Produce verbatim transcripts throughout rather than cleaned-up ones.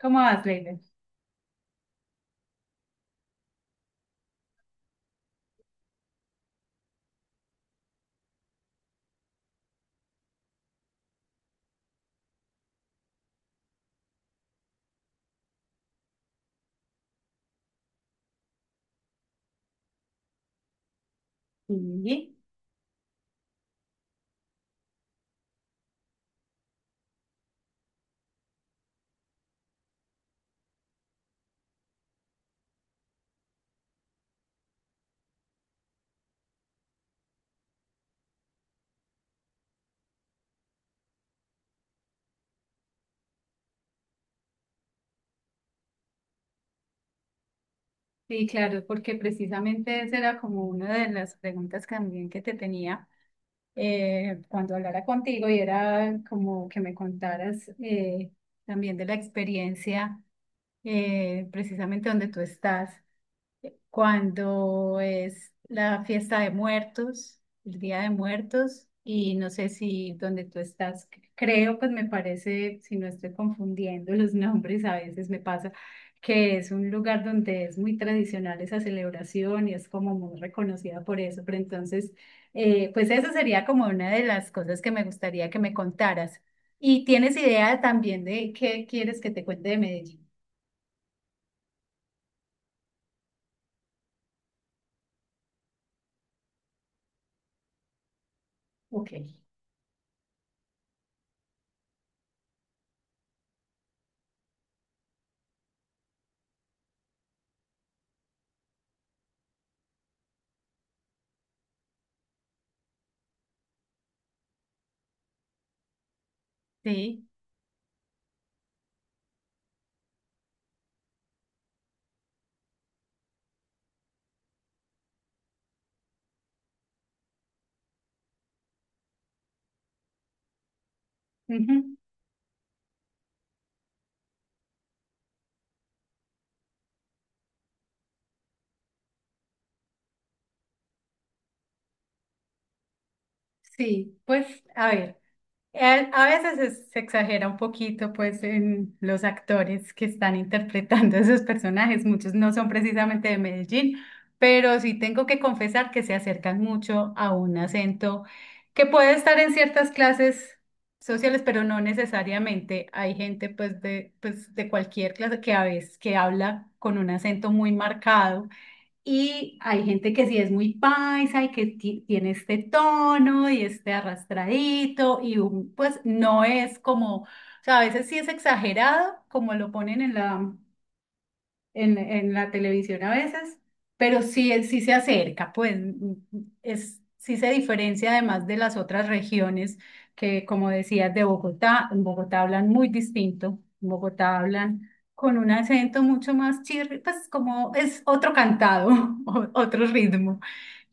¿Cómo vas, Leiber? Sí. Sí, claro, porque precisamente esa era como una de las preguntas también que te tenía eh, cuando hablara contigo y era como que me contaras, eh, también de la experiencia, eh, precisamente donde tú estás. Cuando es la fiesta de muertos, el Día de Muertos, y no sé si donde tú estás, c- creo, pues me parece, si no estoy confundiendo los nombres, a veces me pasa que es un lugar donde es muy tradicional esa celebración y es como muy reconocida por eso, pero entonces, eh, pues eso sería como una de las cosas que me gustaría que me contaras. ¿Y tienes idea también de qué quieres que te cuente de Medellín? Ok. Sí. Sí, pues a ver, eh, a veces es- se exagera un poquito pues en los actores que están interpretando a esos personajes, muchos no son precisamente de Medellín, pero sí tengo que confesar que se acercan mucho a un acento que puede estar en ciertas clases sociales, pero no necesariamente. Hay gente pues de, pues, de cualquier clase que a veces que habla con un acento muy marcado, y hay gente que sí es muy paisa y que ti- tiene este tono y este arrastradito y un- pues no es como, o sea, a veces sí es exagerado como lo ponen en la, en, en la televisión a veces, pero sí, es- sí se acerca, pues mm, mm, es, sí se diferencia además de las otras regiones que, como decías, de Bogotá. En Bogotá hablan muy distinto, en Bogotá hablan con un acento mucho más chirri, pues como es otro cantado, o- otro ritmo.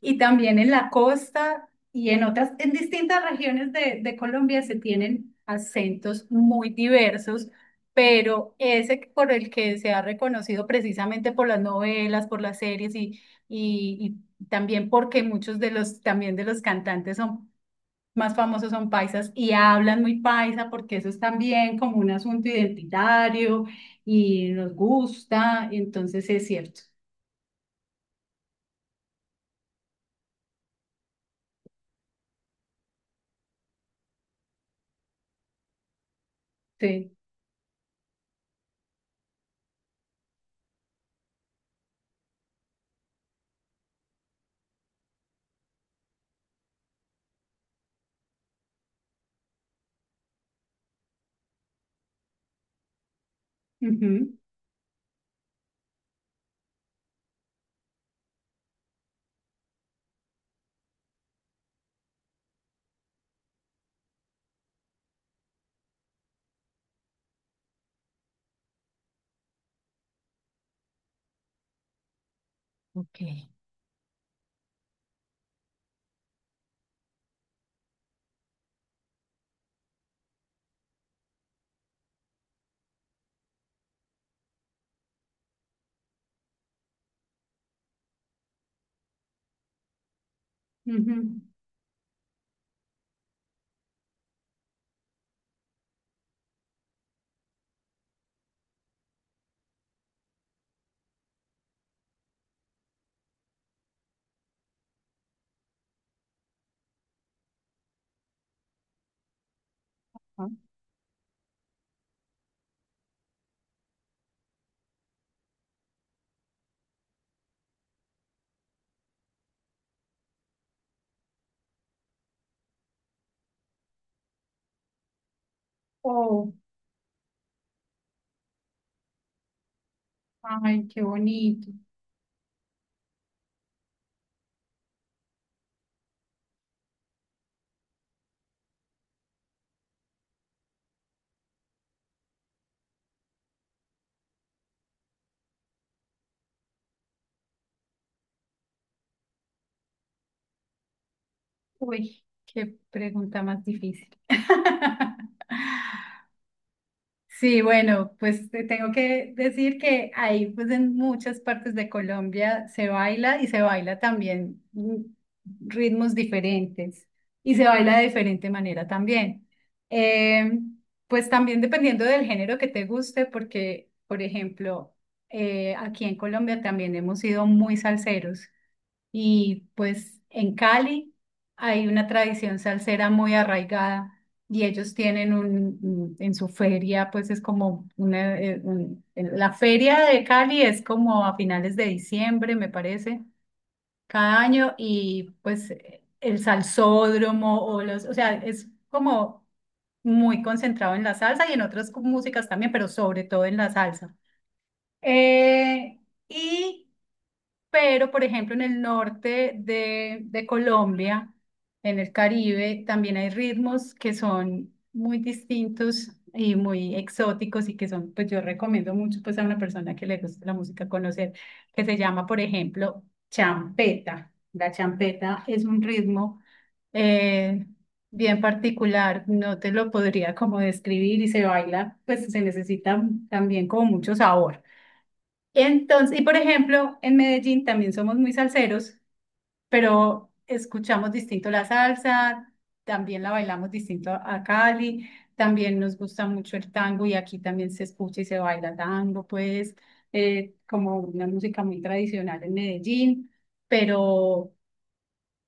Y también en la costa y en otras, en distintas regiones de, de Colombia se tienen acentos muy diversos, pero ese por el que se ha reconocido precisamente por las novelas, por las series y, y, y también porque muchos de los, también de los cantantes son más famosos son paisas y hablan muy paisa porque eso es también como un asunto identitario y nos gusta, entonces es cierto. Sí. Ujú. Ok. Ujú. Ajá. Oh, ay, qué bonito. Uy, qué pregunta más difícil. Sí, bueno, pues te tengo que decir que ahí, pues en muchas partes de Colombia se baila y se baila también, mm, ritmos diferentes y se baila de diferente manera también. Eh, pues también dependiendo del género que te guste, porque, por ejemplo, eh, aquí en Colombia también hemos sido muy salseros. Y pues en Cali hay una tradición salsera muy arraigada y ellos tienen un, un- en su feria, pues es como una, eh, un- la feria de Cali es como a finales de diciembre, me parece, cada año, y pues eh, el salsódromo o los, o sea, es como muy concentrado en la salsa y en otras cu- músicas también, pero sobre todo en la salsa. Eh, y pero, por ejemplo, en el norte de, de Colombia, en el Caribe, también hay ritmos que son muy distintos y muy exóticos y que son, pues yo recomiendo mucho pues a una persona que le guste la música conocer, que se llama, por ejemplo, champeta. La champeta es un ritmo eh, bien particular, no te lo podría como describir y se baila, pues se necesita también como mucho sabor. Entonces, y por ejemplo, en Medellín también somos muy salseros, pero escuchamos distinto la salsa, también la bailamos distinto a a Cali, también nos gusta mucho el tango y aquí también se escucha y se baila tango, pues eh, como una música muy tradicional en Medellín, pero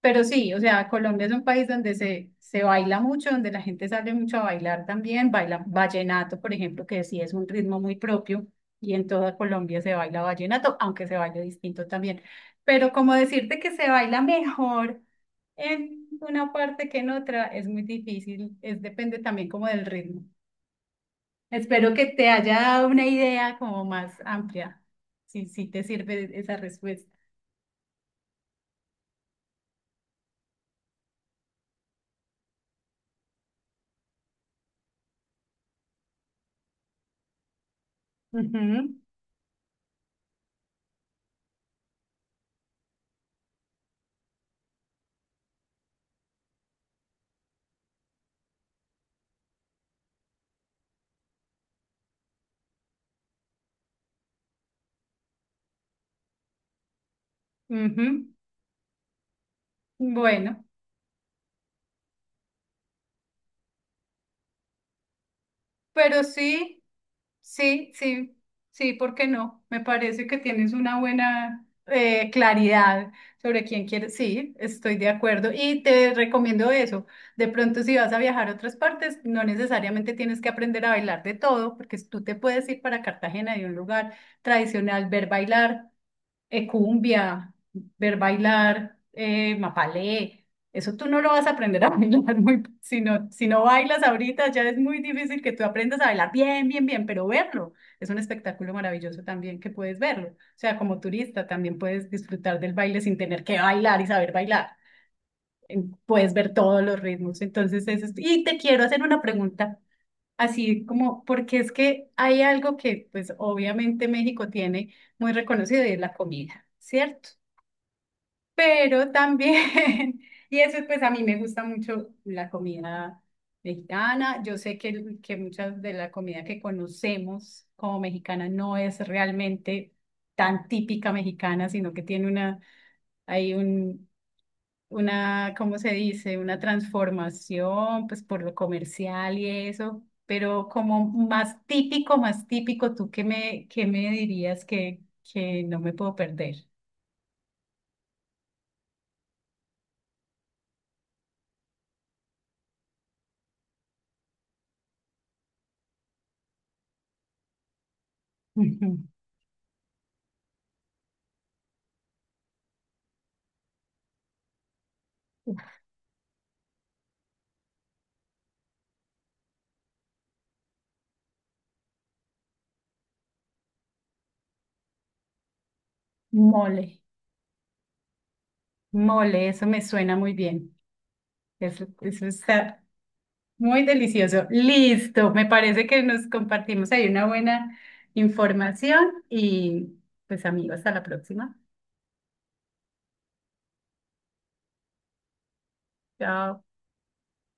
pero sí, o sea, Colombia es un país donde se, se baila mucho, donde la gente sale mucho a bailar también, baila vallenato, por ejemplo, que sí es un ritmo muy propio y en toda Colombia se baila vallenato, aunque se baila distinto también. Pero como decirte que se baila mejor en una parte que en otra es muy difícil, es depende también como del ritmo. Espero que te haya dado una idea como más amplia, si, si te sirve esa respuesta. Ujú, ujú. Bueno. Pero sí, sí, sí, sí, ¿por qué no? Me parece que tienes una buena eh, claridad sobre quién quieres. Sí, estoy de acuerdo y te recomiendo eso. De pronto, si vas a viajar a otras partes, no necesariamente tienes que aprender a bailar de todo, porque tú te puedes ir para Cartagena de un lugar tradicional, ver bailar eh, cumbia, ver bailar, eh, mapalé. Eso tú no lo vas a aprender a bailar muy, si no, si no bailas ahorita, ya es muy difícil que tú aprendas a bailar bien, bien, bien, pero verlo es un espectáculo maravilloso también que puedes verlo. O sea, como turista también puedes disfrutar del baile sin tener que bailar y saber bailar. En- Puedes ver todos los ritmos. Entonces, eso es- y te quiero hacer una pregunta, así como, porque es que hay algo que, pues, obviamente México tiene muy reconocido y es la comida, ¿cierto? Pero también, y eso pues a mí me gusta mucho la comida mexicana. Yo sé que, que muchas de la comida que conocemos como mexicana no es realmente tan típica mexicana, sino que tiene una, hay un, una, ¿cómo se dice? Una transformación pues por lo comercial y eso. Pero como más típico, más típico, ¿tú qué me, qué me dirías que, que no me puedo perder? Mole. Mole, eso me suena muy bien. Eso, eso está muy delicioso. Listo, me parece que nos compartimos ahí una buena información y pues amigos, hasta la próxima. Chao.